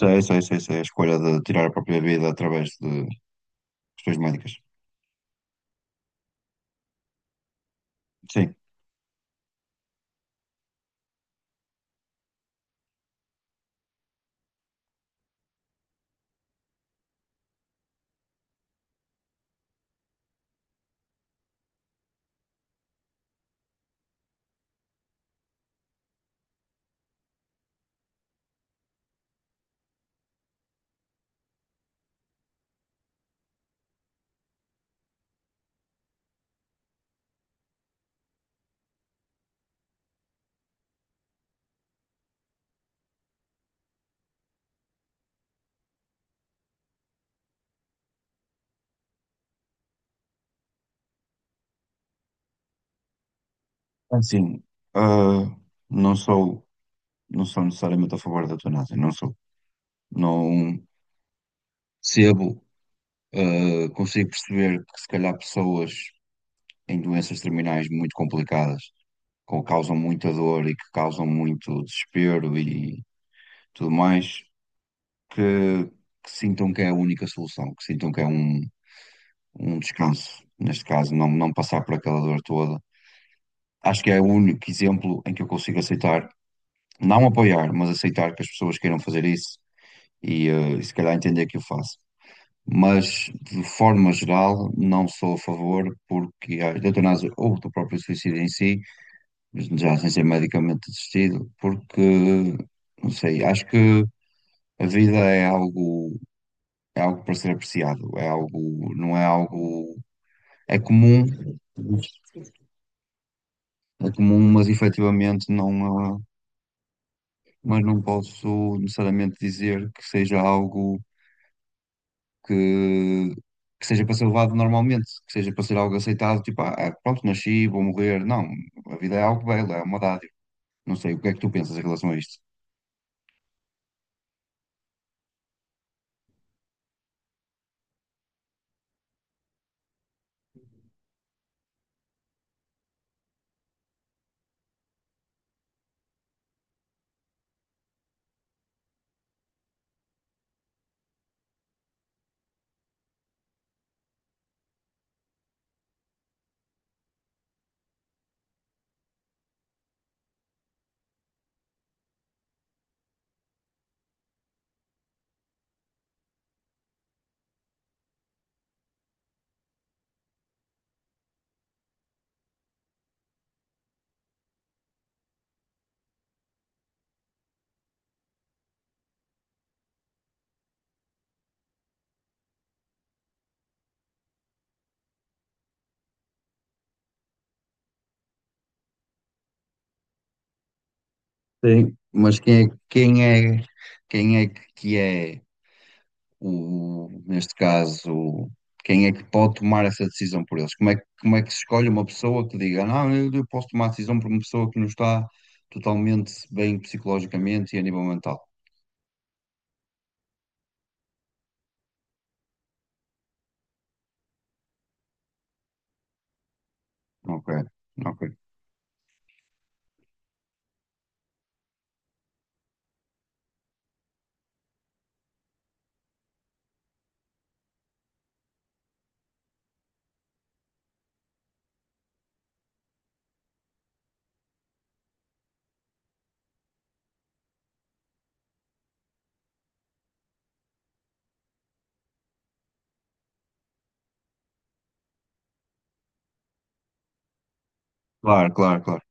Sei, sei, sei, sei. A escolha de tirar a própria vida através de questões médicas. Sim, assim, ah, não sou, não sou necessariamente a favor da eutanásia, não sou. Não percebo, consigo perceber que se calhar pessoas em doenças terminais muito complicadas, que causam muita dor e que causam muito desespero e tudo mais, que, que sintam que é a única solução, que sintam que é um, um descanso. Neste caso, não, não passar por aquela dor toda. Acho que é o único exemplo em que eu consigo aceitar, não apoiar, mas aceitar que as pessoas queiram fazer isso e, e se calhar entender que eu faço. Mas, de forma geral, não sou a favor porque a eutanásia ou do próprio suicídio em si, já sem ser medicamente assistido, porque, não sei, acho que a vida é algo para ser apreciado, é algo, não é algo, é comum, é comum, mas efetivamente não, é mas não posso necessariamente dizer que seja algo que, que seja para ser levado normalmente, que seja para ser algo aceitado, tipo, ah, é, pronto, nasci, vou morrer. Não, a vida é algo belo, é uma dádiva. Não sei, o que é que tu pensas em relação a isto? Sim. Mas quem é que é o, neste caso, quem é que pode tomar essa decisão por eles? Como é que se escolhe uma pessoa que diga, "Ah, não, eu posso tomar a decisão por uma pessoa que não está totalmente bem psicologicamente e a nível mental? Ok, ok. Claro, claro, claro.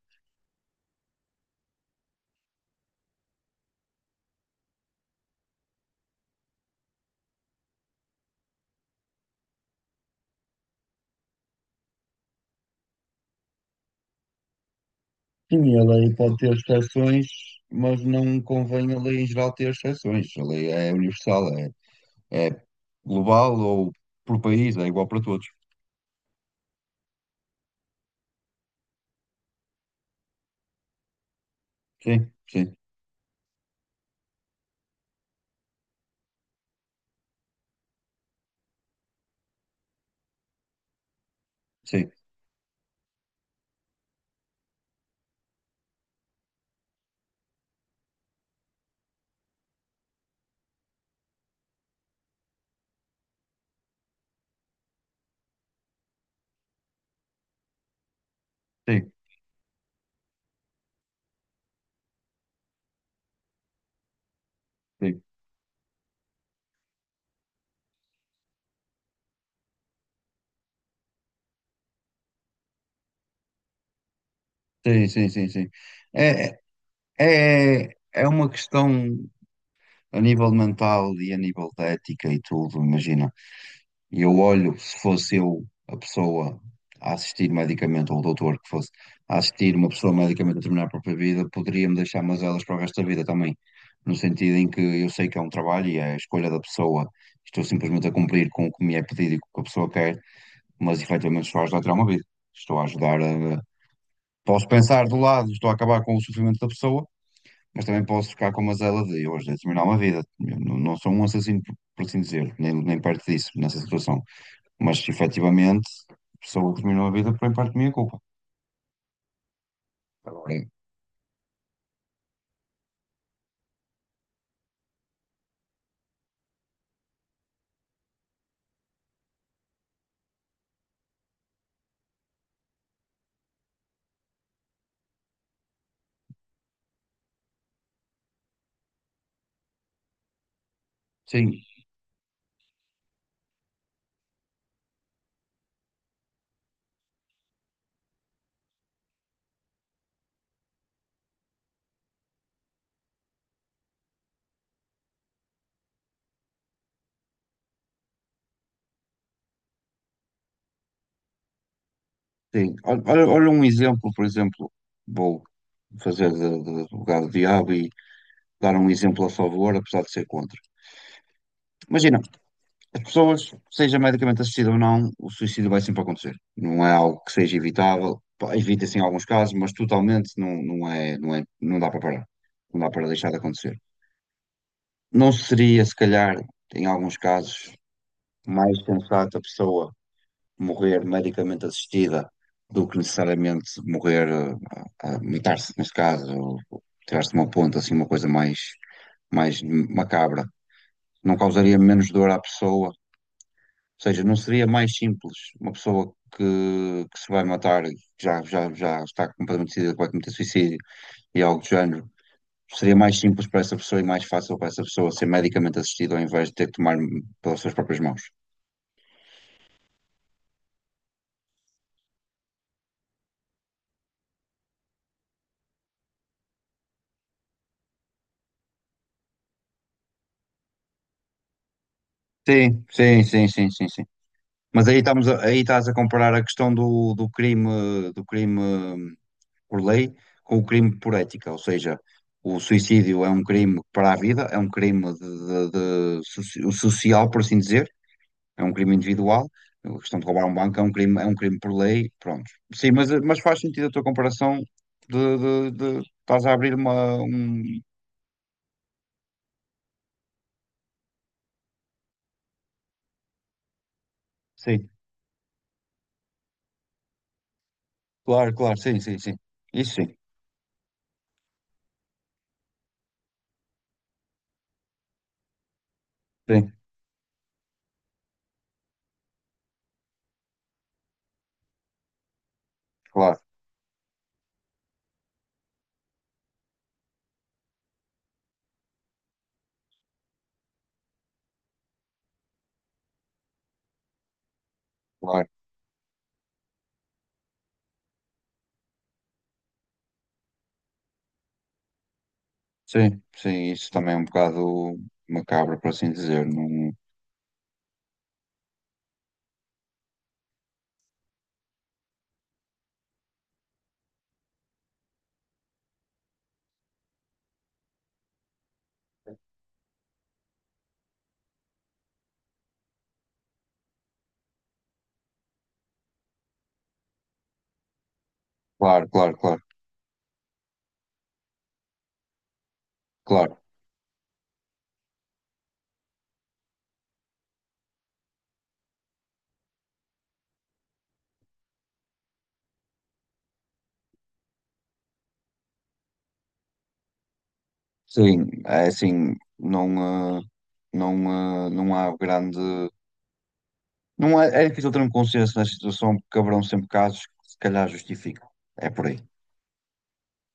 Sim, a lei pode ter exceções, mas não convém a lei em geral ter exceções. A lei é universal, é, é global ou por país, é igual para todos. Sim, sim, sim, sim, sim, sim, sim, sim, sim. É, é é uma questão a nível mental e a nível de ética e tudo, imagina. E eu olho, se fosse eu a pessoa a assistir medicamente, ou o doutor que fosse a assistir uma pessoa medicamente a terminar a própria vida, poderia-me deixar elas para o resto da vida também. No sentido em que eu sei que é um trabalho e é a escolha da pessoa, estou simplesmente a cumprir com o que me é pedido e com o que a pessoa quer, mas efetivamente estou a ajudar a tirar uma vida. Estou a ajudar a. Posso pensar do lado, estou a acabar com o sofrimento da pessoa, mas também posso ficar com a mazela de hoje a terminar uma vida. Eu não, não sou um assassino, por assim dizer, nem, nem perto disso, nessa situação, mas efetivamente, pessoas que terminam a vida por em parte minha culpa. Agora, sim, sim. Olha, olha- olha um exemplo, por exemplo, vou fazer de advogado do diabo e dar um exemplo a favor, apesar de ser contra. Imagina, as pessoas, seja medicamente assistida ou não, o suicídio vai sempre acontecer. Não é algo que seja evitável. Pá, evita-se em alguns casos, mas totalmente não, não dá para parar. Não dá para deixar de acontecer. Não seria, se calhar, em alguns casos, mais sensato a pessoa morrer medicamente assistida do que necessariamente morrer, a matar-se, neste caso, ou tirar-se de uma ponta, mais macabra. Não causaria menos dor à pessoa, ou seja, não seria mais simples uma pessoa que se vai matar, e já está completamente decidida que vai cometer suicídio e algo do género. Seria mais simples para essa pessoa e mais fácil para essa pessoa ser medicamente assistida ao invés de ter que tomar pelas suas próprias mãos. Sim, sim, sim, sim, sim, sim. Mas aí estamos a- aí estás a comparar a questão do crime por lei com o crime por ética, ou seja, o suicídio é um crime para a vida, é um crime de soci- social, por assim dizer, é um crime individual. A questão de roubar um banco é um crime por lei, pronto. Sim, mas faz sentido a tua comparação de, estás a abrir uma um... Sim, claro, claro, sim, sim, sim, isso sim, sim, claro, claro. Sim, sim, isso também é um bocado macabro, por assim dizer. Não... Claro, claro, claro, claro. Sim, é assim, não, não há grande. Não há- é difícil ter um consenso nesta situação, porque haverão sempre casos que se calhar justificam. É por aí.